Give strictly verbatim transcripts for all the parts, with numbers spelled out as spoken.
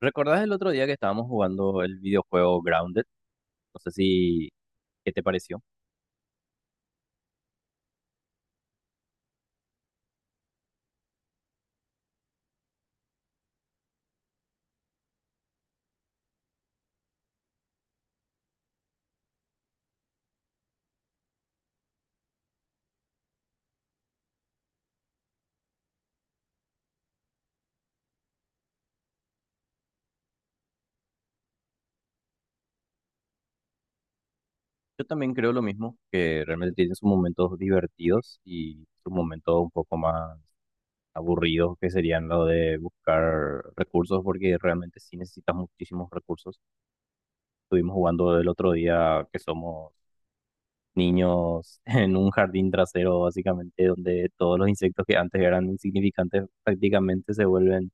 ¿Recordás el otro día que estábamos jugando el videojuego Grounded? No sé si, ¿qué te pareció? Yo también creo lo mismo, que realmente tiene sus momentos divertidos y sus momentos un poco más aburridos, que serían lo de buscar recursos, porque realmente sí necesitas muchísimos recursos. Estuvimos jugando el otro día que somos niños en un jardín trasero, básicamente, donde todos los insectos que antes eran insignificantes prácticamente se vuelven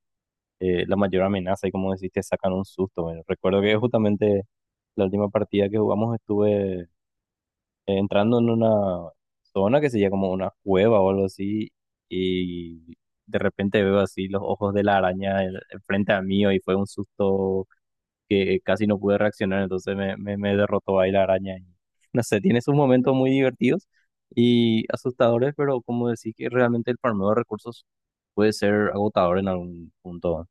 eh, la mayor amenaza y, como decís, te sacan un susto. Bueno, recuerdo que justamente la última partida que jugamos estuve eh, entrando en una zona que sería como una cueva o algo así y de repente veo así los ojos de la araña en- frente a mí y fue un susto que casi no pude reaccionar, entonces me, me, me derrotó ahí la araña. Y no sé, tiene sus momentos muy divertidos y asustadores, pero, como decís, que realmente el farmeo de recursos puede ser agotador en algún punto.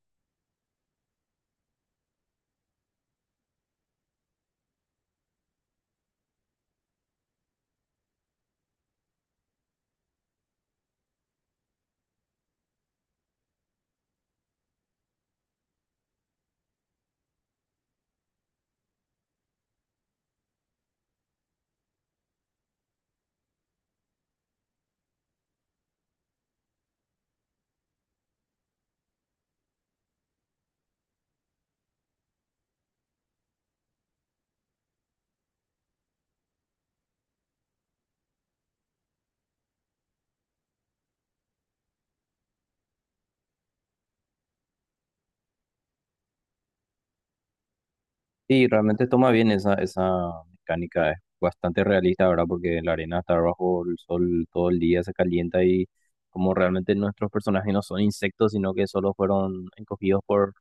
Sí, realmente toma bien esa, esa mecánica, es bastante realista, ¿verdad? Porque la arena está bajo el sol todo el día, se calienta y, como realmente nuestros personajes no son insectos, sino que solo fueron encogidos por,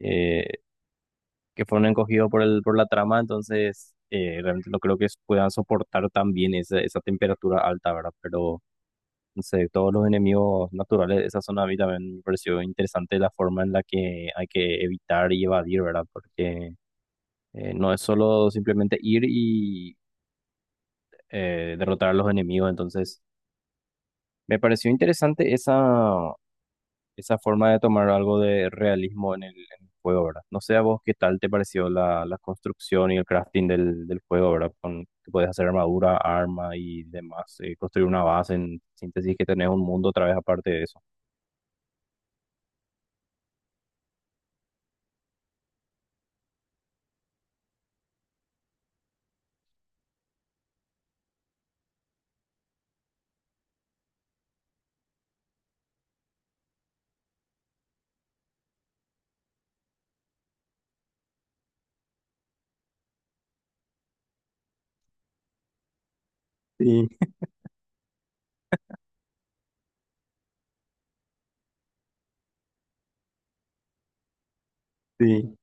eh, que fueron encogidos por el, por la trama, entonces eh, realmente no creo que puedan soportar tan bien esa, esa temperatura alta, ¿verdad? Pero no sé, todos los enemigos naturales de esa zona, a mí también me pareció interesante la forma en la que hay que evitar y evadir, ¿verdad? Porque eh, no es solo simplemente ir y eh, derrotar a los enemigos. Entonces, me pareció interesante esa, esa forma de tomar algo de realismo en el, en el juego, ¿verdad? No sé a vos qué tal te pareció la, la construcción y el crafting del, del juego, ¿verdad? Con que puedes hacer armadura, arma y demás, eh, construir una base, en síntesis, que tenés un mundo otra vez aparte de eso. Sí, sí.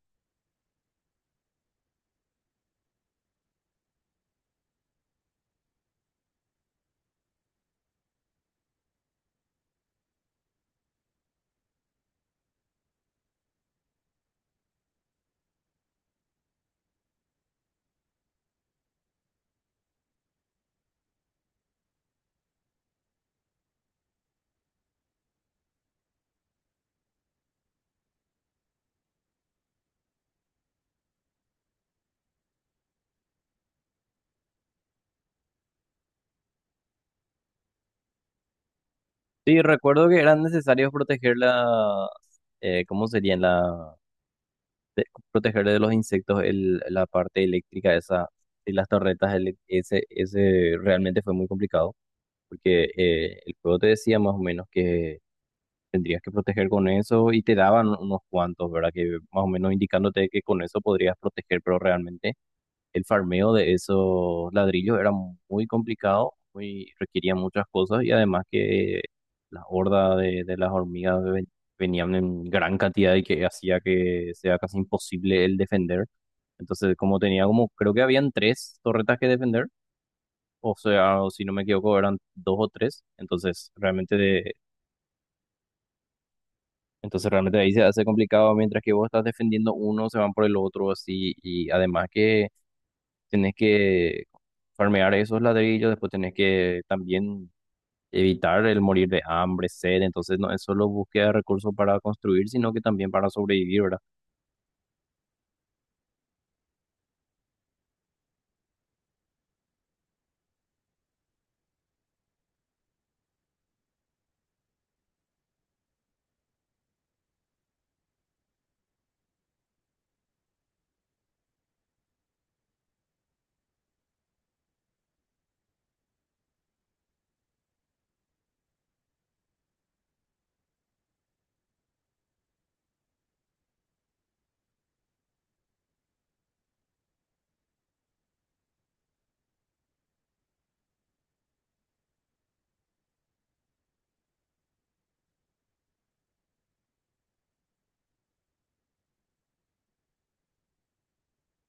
Sí, recuerdo que eran necesarios proteger la, eh, ¿cómo serían? La de- protegerle de los insectos el- la parte eléctrica esa de las torretas, ele- ese, ese realmente fue muy complicado, porque eh, el juego te decía más o menos que tendrías que proteger con eso y te daban unos cuantos, ¿verdad? Que más o menos indicándote que con eso podrías proteger, pero realmente el farmeo de esos ladrillos era muy complicado, muy, requería muchas cosas, y además que la horda de, de las hormigas ven- venían en gran cantidad y que hacía que sea casi imposible el defender. Entonces, como tenía como, creo que habían tres torretas que defender, o sea, o si no me equivoco, eran dos o tres, entonces realmente de, entonces realmente ahí se hace complicado mientras que vos estás defendiendo uno, se van por el otro así, y además que tenés que farmear esos ladrillos, después tenés que también evitar el morir de hambre, sed; entonces no es solo búsqueda de recursos para construir, sino que también para sobrevivir, ¿verdad?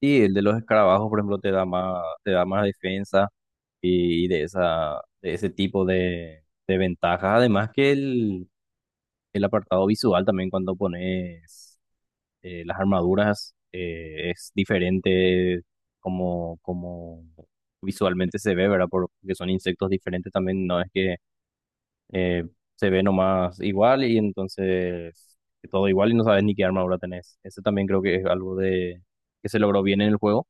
Y el de los escarabajos, por ejemplo, te da más, te da más, defensa, y, y de esa, de ese tipo de, de ventajas, además que el, el apartado visual también, cuando pones eh, las armaduras, eh, es diferente como, como visualmente se ve, ¿verdad? Por- Porque son insectos diferentes también, no es que eh, se ve nomás igual y entonces todo igual y no sabes ni qué armadura tenés. Eso también creo que es algo de que se logró bien en el juego.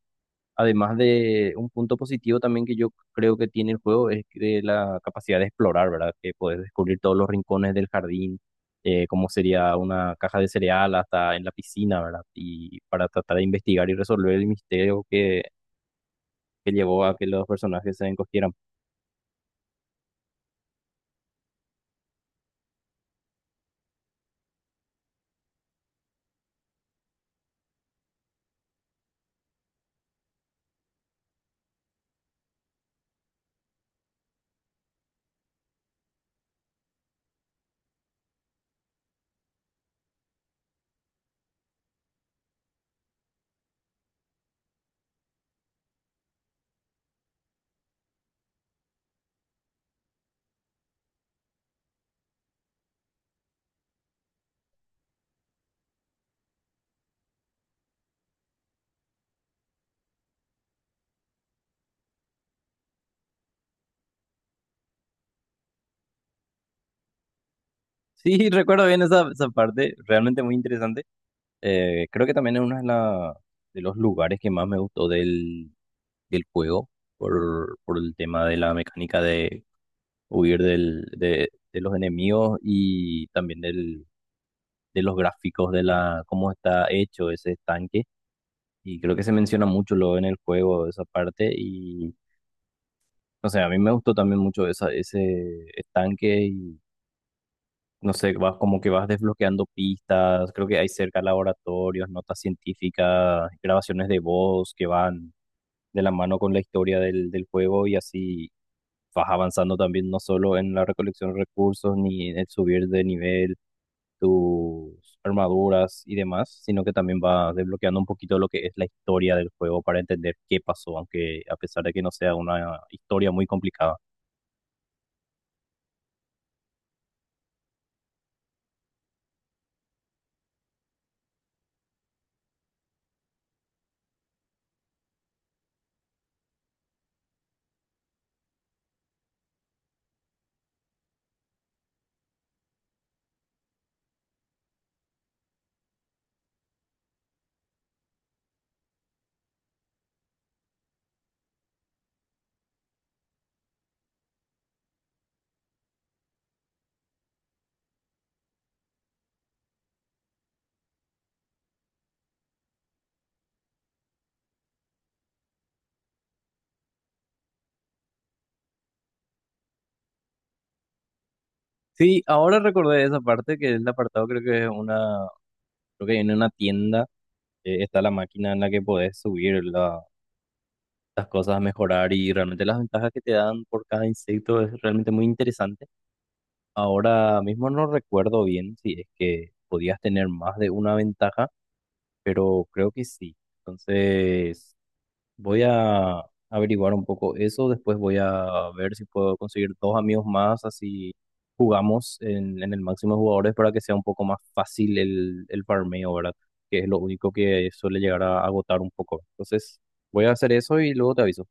Además, de un punto positivo también que yo creo que tiene el juego es de la capacidad de explorar, ¿verdad? Que puedes descubrir todos los rincones del jardín, eh, como sería una caja de cereal hasta en la piscina, ¿verdad? Y para tratar de investigar y resolver el misterio que, que llevó a que los personajes se encogieran. Sí, recuerdo bien esa, esa parte, realmente muy interesante. Eh, creo que también es uno de, la- de los lugares que más me gustó del, del juego, por, por el tema de la mecánica de huir del, de, de los enemigos, y también del, de los gráficos de la, cómo está hecho ese estanque. Y creo que se menciona mucho luego en el juego esa parte y no sé, a mí me gustó también mucho esa, ese estanque y no sé, vas como que vas desbloqueando pistas, creo que hay cerca laboratorios, notas científicas, grabaciones de voz que van de la mano con la historia del, del juego, y así vas avanzando también no solo en la recolección de recursos ni en el subir de nivel, tus armaduras y demás, sino que también va desbloqueando un poquito lo que es la historia del juego para entender qué pasó, aunque a pesar de que no sea una historia muy complicada. Sí, ahora recordé esa parte que es el apartado, creo que es una, creo que en una tienda eh, está la máquina en la que podés subir la- las cosas a mejorar, y realmente las ventajas que te dan por cada insecto es realmente muy interesante. Ahora mismo no recuerdo bien si es que podías tener más de una ventaja, pero creo que sí. Entonces, voy a averiguar un poco eso. Después voy a ver si puedo conseguir dos amigos más, así jugamos en, en el máximo de jugadores para que sea un poco más fácil el, el farmeo, ¿verdad? Que es lo único que suele llegar a agotar un poco. Entonces, voy a hacer eso y luego te aviso.